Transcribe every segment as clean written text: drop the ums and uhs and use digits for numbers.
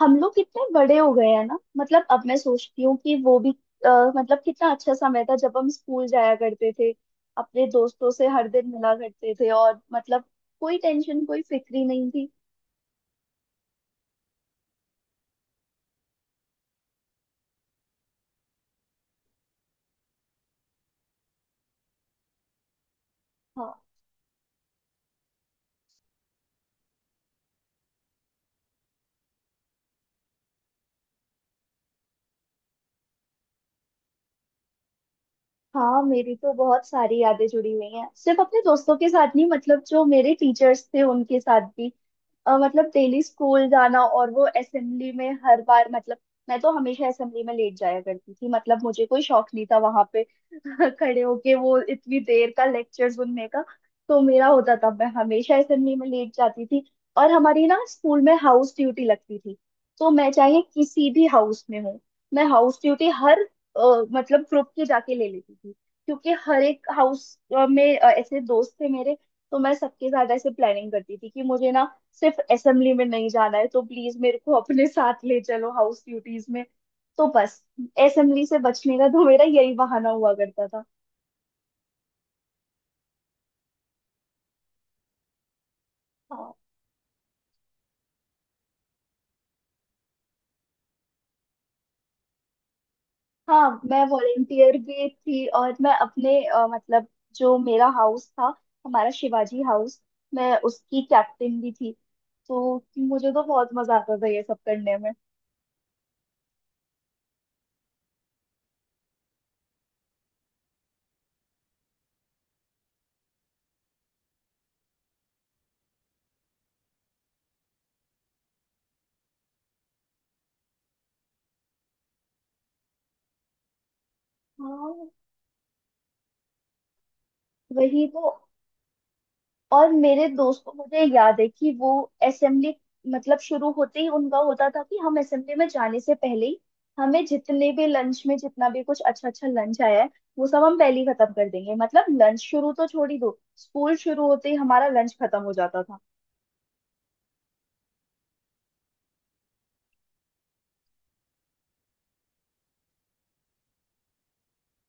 हम लोग कितने बड़े हो गए हैं ना। मतलब अब मैं सोचती हूँ कि वो भी अ, मतलब कितना अच्छा समय था जब हम स्कूल जाया करते थे, अपने दोस्तों से हर दिन मिला करते थे। और मतलब कोई टेंशन कोई फिक्री नहीं थी। हाँ। हाँ, मेरी तो बहुत सारी यादें जुड़ी हुई हैं, सिर्फ अपने दोस्तों के साथ नहीं, मतलब जो मेरे टीचर्स थे उनके साथ भी। मतलब डेली स्कूल जाना और वो असेंबली में हर बार, मतलब मैं तो हमेशा असेंबली में लेट जाया करती थी। मतलब मुझे कोई शौक नहीं था वहां पे खड़े होके वो इतनी देर का लेक्चर सुनने का। तो मेरा होता था मैं हमेशा असेंबली में लेट जाती थी। और हमारी ना स्कूल में हाउस ड्यूटी लगती थी। तो मैं चाहे किसी भी हाउस में हूँ, मैं हाउस ड्यूटी हर अ, मतलब ग्रुप के जाके ले लेती थी। क्योंकि हर एक हाउस में ऐसे दोस्त थे मेरे। तो मैं सबके साथ ऐसे प्लानिंग करती थी कि मुझे ना सिर्फ असेंबली में नहीं जाना है तो प्लीज मेरे को अपने साथ ले चलो हाउस ड्यूटीज में। तो बस, असेंबली से बचने का तो मेरा यही बहाना हुआ करता था। हाँ। हाँ, मैं वॉलेंटियर भी थी और मैं अपने मतलब जो मेरा हाउस था, हमारा शिवाजी हाउस, मैं उसकी कैप्टन भी थी। तो मुझे तो बहुत मजा आता था ये सब करने में। हाँ, वही तो। और मेरे दोस्त को मुझे याद है कि वो असेंबली, मतलब शुरू होते ही उनका होता था कि हम असेंबली में जाने से पहले ही हमें जितने भी लंच में जितना भी कुछ अच्छा अच्छा लंच आया है वो सब हम पहले ही खत्म कर देंगे। मतलब लंच शुरू तो छोड़ ही दो, स्कूल शुरू होते ही हमारा लंच खत्म हो जाता था।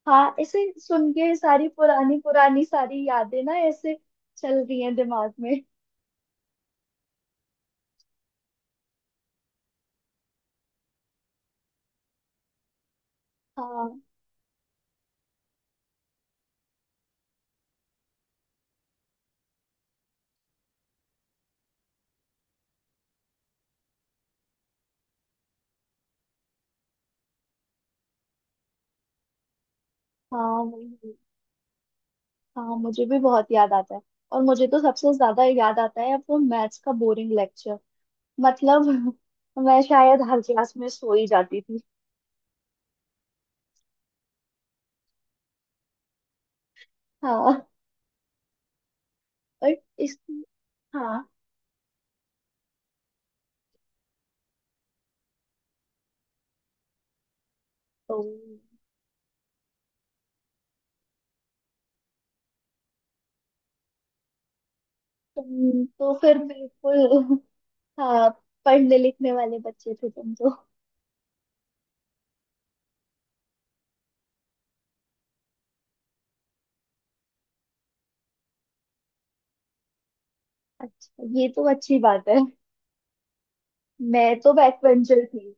हाँ, ऐसे सुन के सारी पुरानी पुरानी सारी यादें ना ऐसे चल रही हैं दिमाग में। हाँ। हाँ, वही। हाँ, मुझे भी बहुत याद आता है। और मुझे तो सबसे ज्यादा याद आता है वो मैथ्स का बोरिंग लेक्चर। मतलब मैं शायद हर क्लास में सो ही जाती थी। हाँ। और इस हाँ। तो तुम तो फिर बिल्कुल हाँ, पढ़ने लिखने वाले बच्चे थे तुम तो। अच्छा, ये तो अच्छी बात है। मैं तो बैक बेंचर थी।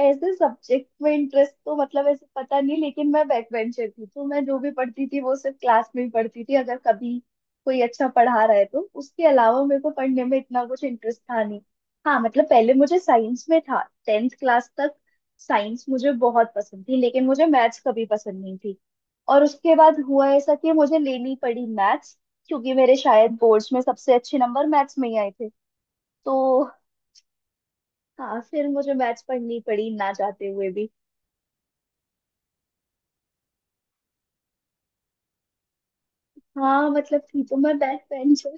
ऐसे सब्जेक्ट में इंटरेस्ट तो मतलब ऐसे पता नहीं, लेकिन मैं बैक बेंचर थी तो मैं जो भी पढ़ती थी वो सिर्फ क्लास में ही पढ़ती थी। अगर कभी कोई अच्छा पढ़ा रहा है तो उसके अलावा मेरे को पढ़ने में इतना कुछ इंटरेस्ट था नहीं। हाँ, मतलब पहले मुझे साइंस में था 10th क्लास तक। साइंस मुझे बहुत पसंद थी लेकिन मुझे मैथ्स कभी पसंद नहीं थी। और उसके बाद हुआ ऐसा कि मुझे लेनी पड़ी मैथ्स, क्योंकि मेरे शायद बोर्ड्स में सबसे अच्छे नंबर मैथ्स में ही आए थे। तो हाँ, फिर मुझे मैथ्स पढ़नी पड़ी ना चाहते हुए भी। हाँ, मतलब थी तो मैं बैक बेंचर।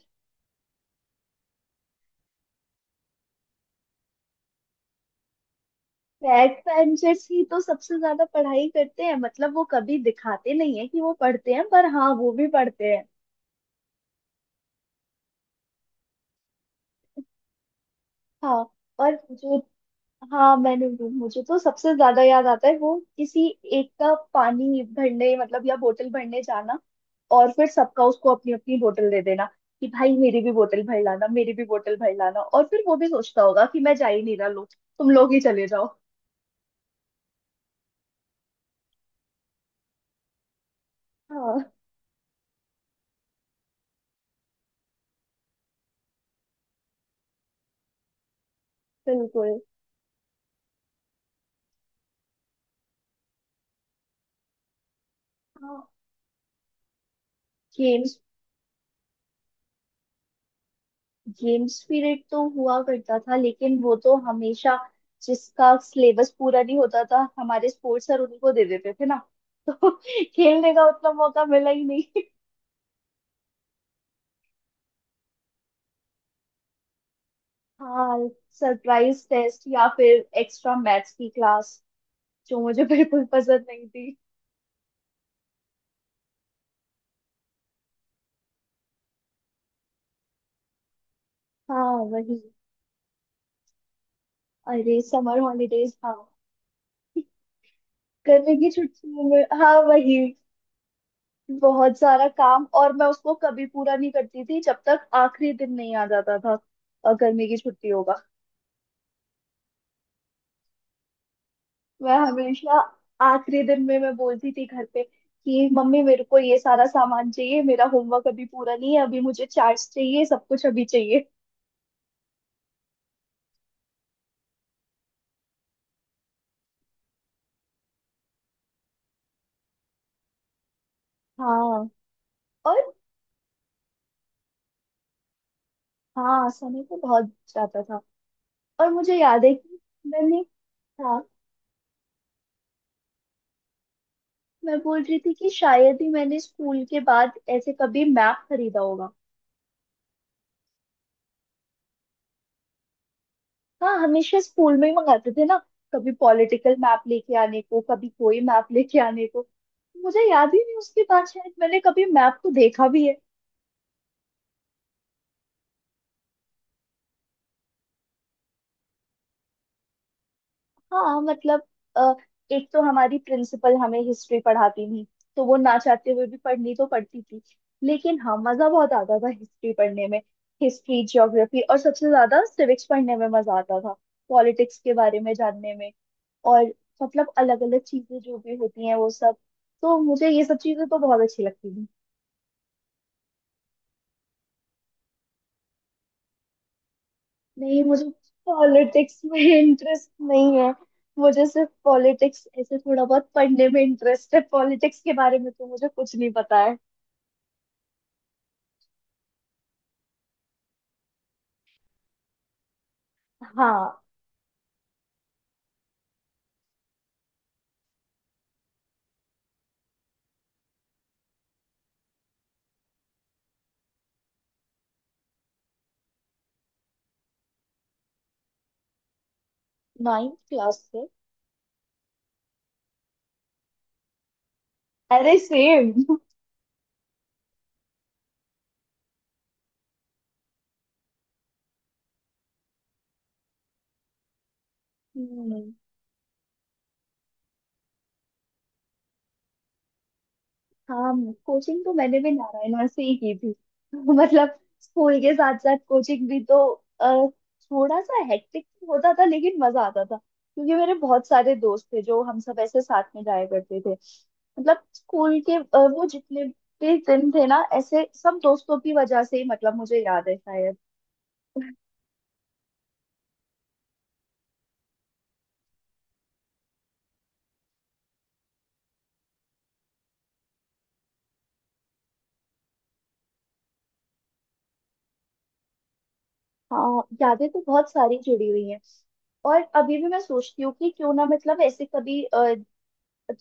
बैक बेंचर्स ही तो सबसे ज्यादा पढ़ाई करते हैं, मतलब वो कभी दिखाते नहीं है कि वो पढ़ते हैं पर हाँ वो भी पढ़ते हैं। हाँ। और जो हाँ, मैंने मुझे तो सबसे ज्यादा याद आता है वो किसी एक का पानी भरने, मतलब या बोतल भरने जाना। और फिर सबका उसको अपनी अपनी बोतल दे देना कि भाई मेरी भी बोतल भर लाना, मेरी भी बोतल भर लाना। और फिर वो भी सोचता होगा कि मैं जा ही नहीं रहा, लो तुम लोग ही चले जाओ। हाँ। बिल्कुल। हाँ, गेम्स पीरियड तो हुआ करता था लेकिन वो तो हमेशा जिसका सिलेबस पूरा नहीं होता था हमारे स्पोर्ट्स सर उन्हीं को दे देते थे ना। तो खेलने का उतना मौका मिला ही नहीं। हाँ, सरप्राइज टेस्ट या फिर एक्स्ट्रा मैथ्स की क्लास जो मुझे बिल्कुल पसंद नहीं थी। हाँ, वही। अरे समर हॉलीडेज, हाँ। गर्मी की छुट्टियों में, हाँ, वही, बहुत सारा काम, और मैं उसको कभी पूरा नहीं करती थी जब तक आखिरी दिन नहीं आ जाता था गर्मी की छुट्टियों का। मैं हमेशा आखिरी दिन में मैं बोलती थी घर पे कि मम्मी मेरे को ये सारा सामान चाहिए, मेरा होमवर्क अभी पूरा नहीं है, अभी मुझे चार्ट्स चाहिए, सब कुछ अभी चाहिए। हाँ। और हाँ, समय तो बहुत जाता था। और मुझे याद है कि मैंने, हाँ, मैं बोल रही थी कि शायद ही मैंने स्कूल के बाद ऐसे कभी मैप खरीदा होगा। हाँ, हमेशा स्कूल में ही मंगाते थे ना। कभी पॉलिटिकल मैप लेके आने को, कभी कोई मैप लेके आने को। मुझे याद ही नहीं उसके बाद शायद मैंने कभी मैप को देखा भी है। हाँ, मतलब अ, एक तो हमारी प्रिंसिपल हमें हिस्ट्री पढ़ाती थी तो वो ना चाहते हुए भी पढ़नी तो पड़ती थी। लेकिन हाँ, मजा बहुत आता था हिस्ट्री पढ़ने में। हिस्ट्री, ज्योग्राफी और सबसे ज्यादा सिविक्स पढ़ने में मजा आता था, पॉलिटिक्स के बारे में जानने में। और मतलब अलग अलग चीजें जो भी होती हैं वो सब, तो मुझे ये सब चीजें तो बहुत अच्छी लगती थी। नहीं, मुझे पॉलिटिक्स में इंटरेस्ट नहीं है। मुझे सिर्फ पॉलिटिक्स ऐसे थोड़ा बहुत पढ़ने में इंटरेस्ट है, पॉलिटिक्स के बारे में तो मुझे कुछ नहीं पता है। हाँ। नाइन्थ क्लास से? अरे सेम। हाँ, कोचिंग तो मैंने भी नारायणा से ही की थी। मतलब स्कूल के साथ साथ कोचिंग भी तो अ, थोड़ा सा हेक्टिक होता था, लेकिन मजा आता था क्योंकि मेरे बहुत सारे दोस्त थे जो हम सब ऐसे साथ में जाया करते थे। मतलब स्कूल के वो जितने भी दिन थे ना ऐसे सब दोस्तों की वजह से ही, मतलब मुझे याद है शायद। हाँ, यादें तो बहुत सारी जुड़ी हुई हैं। और अभी भी मैं सोचती हूँ कि क्यों ना, मतलब ऐसे कभी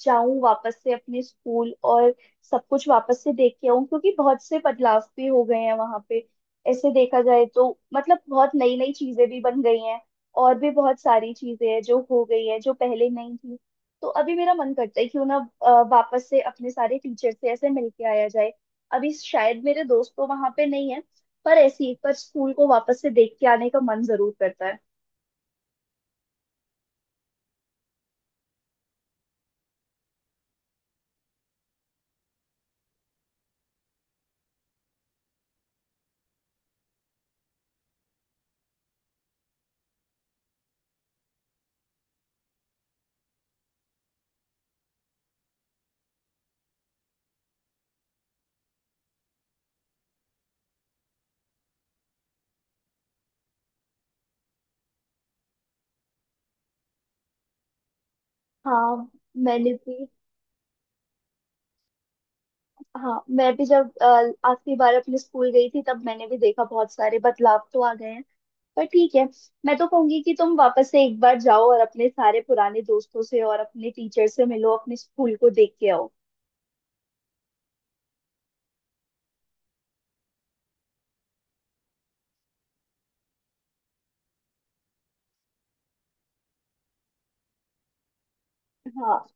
जाऊं वापस से अपने स्कूल और सब कुछ वापस से देख के आऊं, क्योंकि बहुत से बदलाव भी हो गए हैं वहां पे ऐसे देखा जाए तो। मतलब बहुत नई नई चीजें भी बन गई हैं, और भी बहुत सारी चीजें हैं जो हो गई हैं जो पहले नहीं थी। तो अभी मेरा मन करता है क्यों ना वापस से अपने सारे टीचर से ऐसे मिलके आया जाए। अभी शायद मेरे दोस्त तो वहां पे नहीं है पर ऐसी पर स्कूल को वापस से देख के आने का मन जरूर करता है। हाँ। मैंने भी, हाँ, मैं भी जब आखिरी बार अपने स्कूल गई थी तब मैंने भी देखा बहुत सारे बदलाव तो आ गए हैं। पर ठीक है, मैं तो कहूंगी कि तुम वापस से एक बार जाओ और अपने सारे पुराने दोस्तों से और अपने टीचर से मिलो, अपने स्कूल को देख के आओ। हाँ।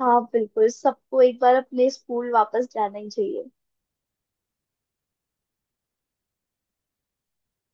हाँ, बिल्कुल, सबको एक बार अपने स्कूल वापस जाना ही चाहिए।